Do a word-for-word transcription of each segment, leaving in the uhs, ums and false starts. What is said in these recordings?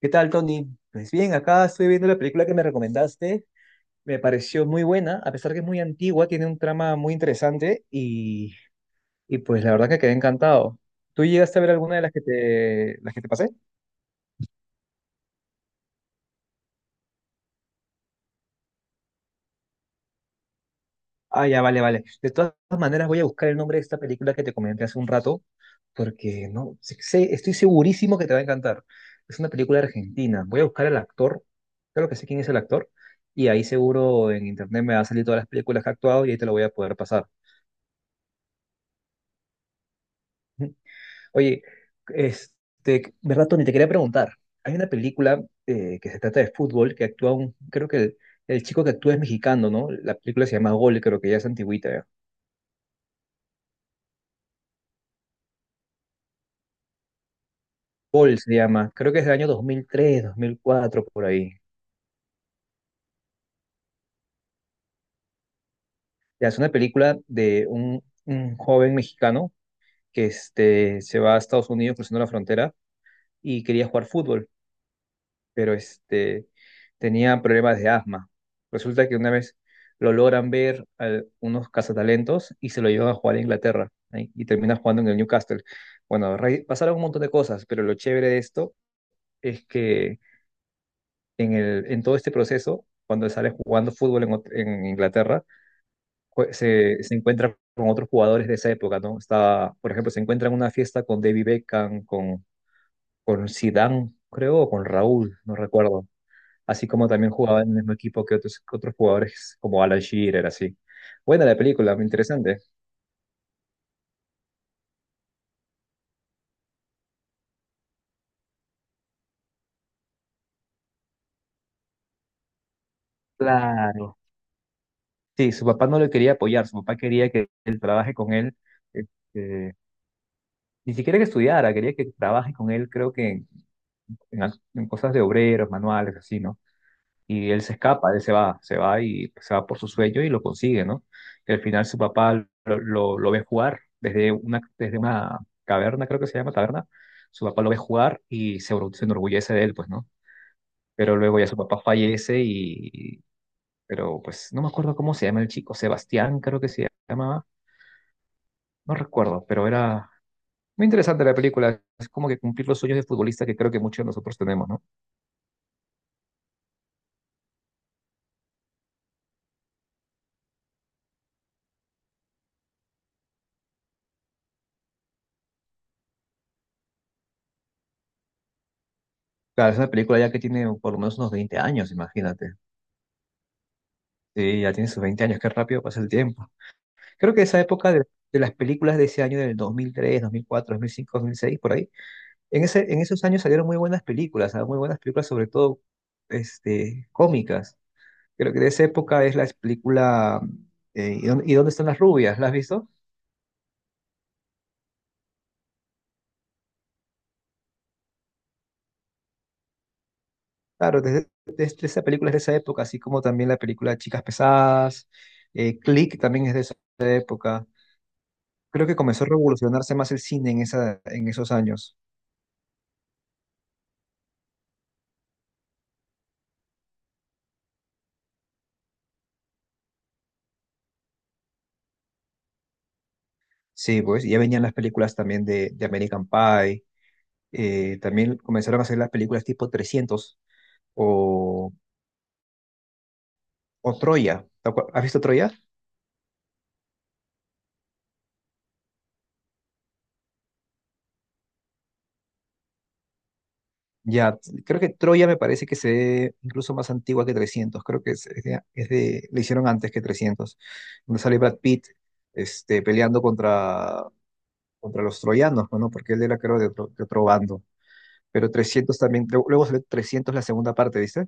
¿Qué tal, Tony? Pues bien, acá estoy viendo la película que me recomendaste. Me pareció muy buena, a pesar que es muy antigua, tiene un trama muy interesante y, y pues la verdad que quedé encantado. ¿Tú llegaste a ver alguna de las que te, las que te pasé? Ah, ya, vale, vale. De todas maneras, voy a buscar el nombre de esta película que te comenté hace un rato, porque no sé- sé- estoy segurísimo que te va a encantar. Es una película argentina. Voy a buscar al actor, creo que sé quién es el actor, y ahí seguro en internet me va a salir todas las películas que ha actuado y ahí te lo voy a poder pasar. Oye, este, Berratoni, te quería preguntar. Hay una película eh, que se trata de fútbol que actúa un, creo que el, el chico que actúa es mexicano, ¿no? La película se llama Gol, creo que ya es antigüita. Ya. Gol se llama, creo que es del año dos dos mil tres, dos mil cuatro por ahí. Ya es una película de un, un joven mexicano que este, se va a Estados Unidos cruzando la frontera y quería jugar fútbol. Pero este, tenía problemas de asma. Resulta que una vez lo logran ver a unos cazatalentos y se lo llevan a jugar a Inglaterra, ¿eh? Y termina jugando en el Newcastle. Bueno, re- pasaron un montón de cosas, pero lo chévere de esto es que en, el, en todo este proceso, cuando sale jugando fútbol en, ot- en Inglaterra, jue- se, se encuentra con otros jugadores de esa época, ¿no? Estaba, por ejemplo, se encuentra en una fiesta con David Beckham, con, con Zidane, creo, o con Raúl, no recuerdo. Así como también jugaba en el mismo equipo que otros, otros jugadores como Alan Shearer, así. Buena la película, muy interesante. Claro. Sí, su papá no le quería apoyar, su papá quería que él trabaje con él, este, ni siquiera que estudiara, quería que trabaje con él, creo que en, en ac- en cosas de obreros, manuales, así, ¿no? Y él se escapa, él se va, se va y se va por su sueño y lo consigue, ¿no? Y al final su papá lo, lo- lo ve jugar desde una, desde una caverna, creo que se llama taberna, su papá lo ve jugar y se, or- se enorgullece de él, pues, ¿no? Pero luego ya su papá fallece y, pero pues no me acuerdo cómo se llama el chico, Sebastián creo que se llamaba, no recuerdo, pero era muy interesante la película. Es como que cumplir los sueños de futbolista que creo que muchos de nosotros tenemos, ¿no? Claro, es una película ya que tiene por lo menos unos veinte años, imagínate. Sí, ya tiene sus veinte años, qué rápido pasa el tiempo. Creo que esa época de, de las películas de ese año del dos mil tres, dos mil cuatro, dos mil cinco, dos mil seis, por ahí, en ese, en esos años salieron muy buenas películas, ¿ah? Muy buenas películas, sobre todo este, cómicas. Creo que de esa época es la película. eh, ¿y dónde, y dónde están las rubias? ¿La has visto? Claro, desde, desde esa película es de esa época, así como también la película Chicas Pesadas, eh, Click también es de esa época. Creo que comenzó a revolucionarse más el cine en esa, en esos años. Sí, pues ya venían las películas también de, de American Pie, eh, también comenzaron a hacer las películas tipo trescientos o, o Troya. ¿Te acuer- ¿Has visto Troya? Ya, creo que Troya me parece que se ve incluso más antigua que trescientos, creo que es, es de, es de- le hicieron antes que trescientos, donde sale Brad Pitt este, peleando contra, contra los troyanos, ¿no? Porque él era creo de otro, de otro bando, pero trescientos también, luego luego salió trescientos la segunda parte, ¿viste?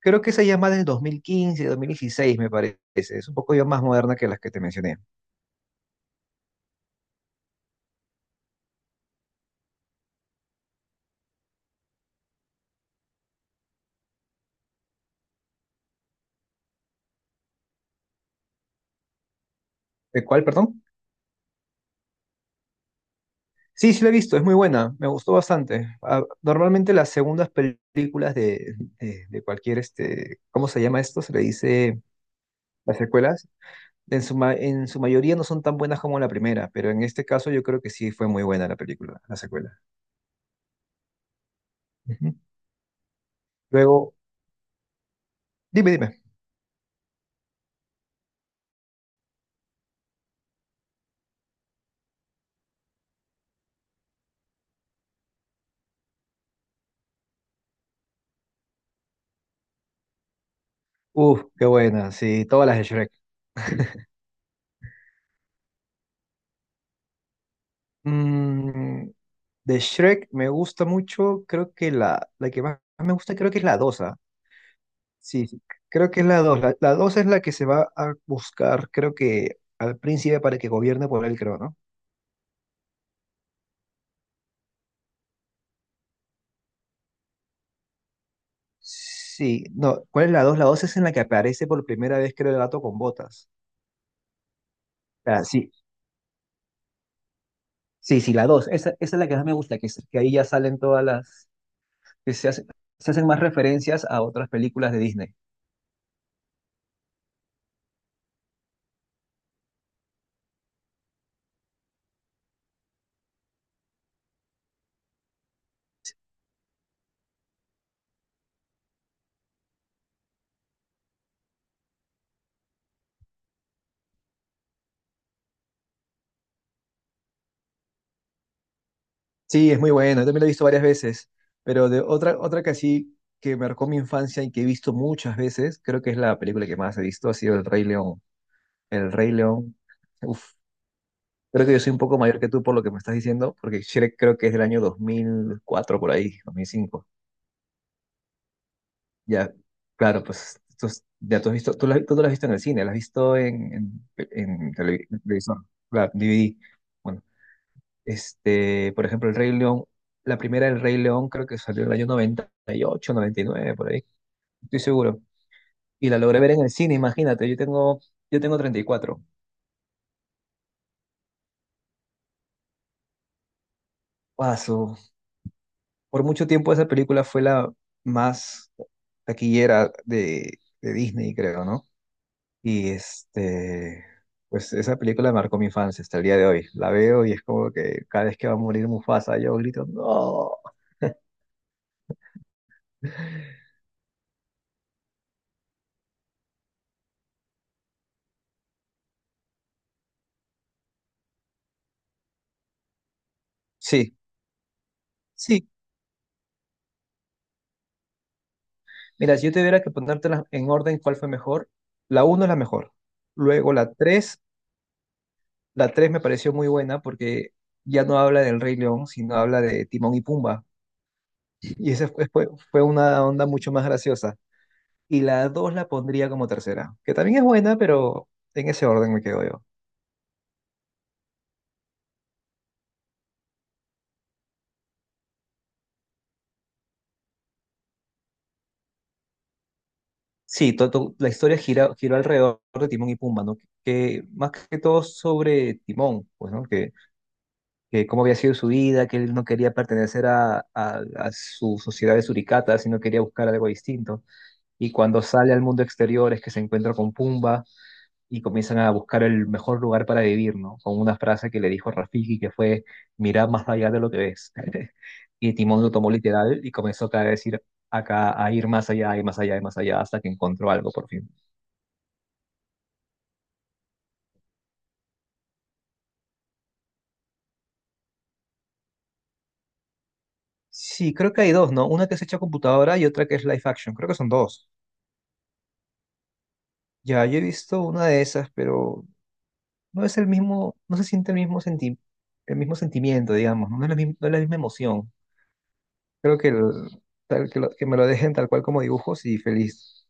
Creo que esa ya es más del dos mil quince, dos mil dieciséis, me parece. Es un poco ya más moderna que las que te mencioné. ¿De cuál, perdón? Sí, sí la he visto, es muy buena, me gustó bastante. Ah, normalmente las segundas películas de, de, de cualquier, este, ¿cómo se llama esto? Se le dice las secuelas. En su, ma- en su mayoría no son tan buenas como la primera, pero en este caso yo creo que sí fue muy buena la película, la secuela. Ujú. Luego, dime, dime. Uf, qué buena, sí, todas las de Shrek. Mm, De Shrek me gusta mucho, creo que la, la que más me gusta creo que es la dos, ¿ah? Sí, sí, creo que es la dos. La, la dos es la que se va a buscar, creo que al príncipe para que gobierne por él, creo, ¿no? Sí, no, ¿cuál es la dos? La dos es en la que aparece por primera vez, creo, el gato con botas. Ah, sí, sí, sí, la dos. Esa, esa es la que más me gusta, que, es- que ahí ya salen todas las, que se hacen, se hacen más referencias a otras películas de Disney. Sí, es muy buena, también la he visto varias veces, pero de otra, otra que así que marcó mi infancia y que he visto muchas veces, creo que es la película que más he visto, ha sido El Rey León. El Rey León, uf, creo que yo soy un poco mayor que tú por lo que me estás diciendo, porque Shrek creo que es del año dos mil cuatro por ahí, dos mil cinco. Ya, claro, pues tú, ya tú has visto, tú la, tú no la has visto en el cine, la has visto en, en, en televi- televisor, claro, D V D. Bueno, Este, por ejemplo, El Rey León, la primera del Rey León creo que salió en el año noventa y ocho, noventa y nueve, por ahí, estoy seguro. Y la logré ver en el cine, imagínate, yo tengo, yo tengo, treinta y cuatro. Guaso. Por mucho tiempo esa película fue la más taquillera de, de Disney, creo, ¿no? Y este, pues esa película marcó mi infancia hasta el día de hoy. La veo y es como que cada vez que va a morir Mufasa, yo grito, no. Sí, sí. Mira, si yo tuviera que ponértelas en orden, ¿cuál fue mejor? La uno es la mejor. Luego la tres, la tres me pareció muy buena porque ya no habla del Rey León, sino habla de Timón y Pumba. Y esa fue, fue, fue una onda mucho más graciosa. Y la dos la pondría como tercera, que también es buena, pero en ese orden me quedo yo. Sí, to- to- la historia gira, giró alrededor de Timón y Pumba, ¿no? Que, más que todo sobre Timón, pues, ¿no? Que que cómo había sido su vida, que él no quería pertenecer a, a, a su sociedad de suricatas, sino quería buscar algo distinto. Y cuando sale al mundo exterior es que se encuentra con Pumba y comienzan a buscar el mejor lugar para vivir, ¿no? Con una frase que le dijo Rafiki que fue, mira más allá de lo que ves. Y Timón lo tomó literal y comenzó cada vez a ir acá, a ir más allá y más allá y más allá hasta que encontró algo por fin. Sí, creo que hay dos, ¿no? Una que es hecha a computadora y otra que es live action. Creo que son dos. Ya, yo he visto una de esas, pero no es el mismo, no se siente el mismo senti- el mismo sentimiento, digamos, no es la, mi- no es la misma emoción. Creo que, el- tal, que, lo- que me lo dejen tal cual como dibujos y feliz.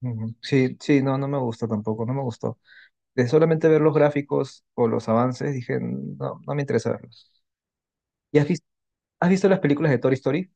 Ujú. Sí, sí, no, no me gusta tampoco, no me gustó. De solamente ver los gráficos o los avances, dije, no, no me interesa verlos. ¿Y has visto, has visto las películas de Toy Story?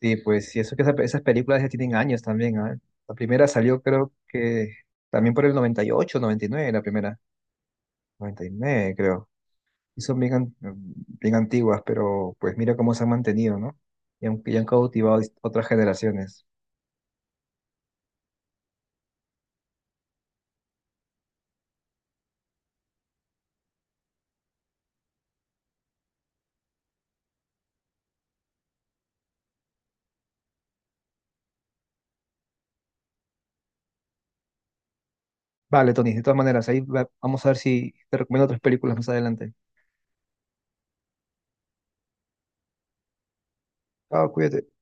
Sí, pues, sí eso que esa- esas películas ya tienen años también, ¿ah? La primera salió creo que también por el noventa noventa y ocho noventa y nueve la primera. Noventa y nueve creo. Y son bien, an- bien antiguas, pero pues mira cómo se han mantenido, ¿no? Y han, y han cautivado a otras generaciones. Vale, Tony, de todas maneras, ahí va- vamos a ver si te recomiendo otras películas más adelante. Chao, cuídate.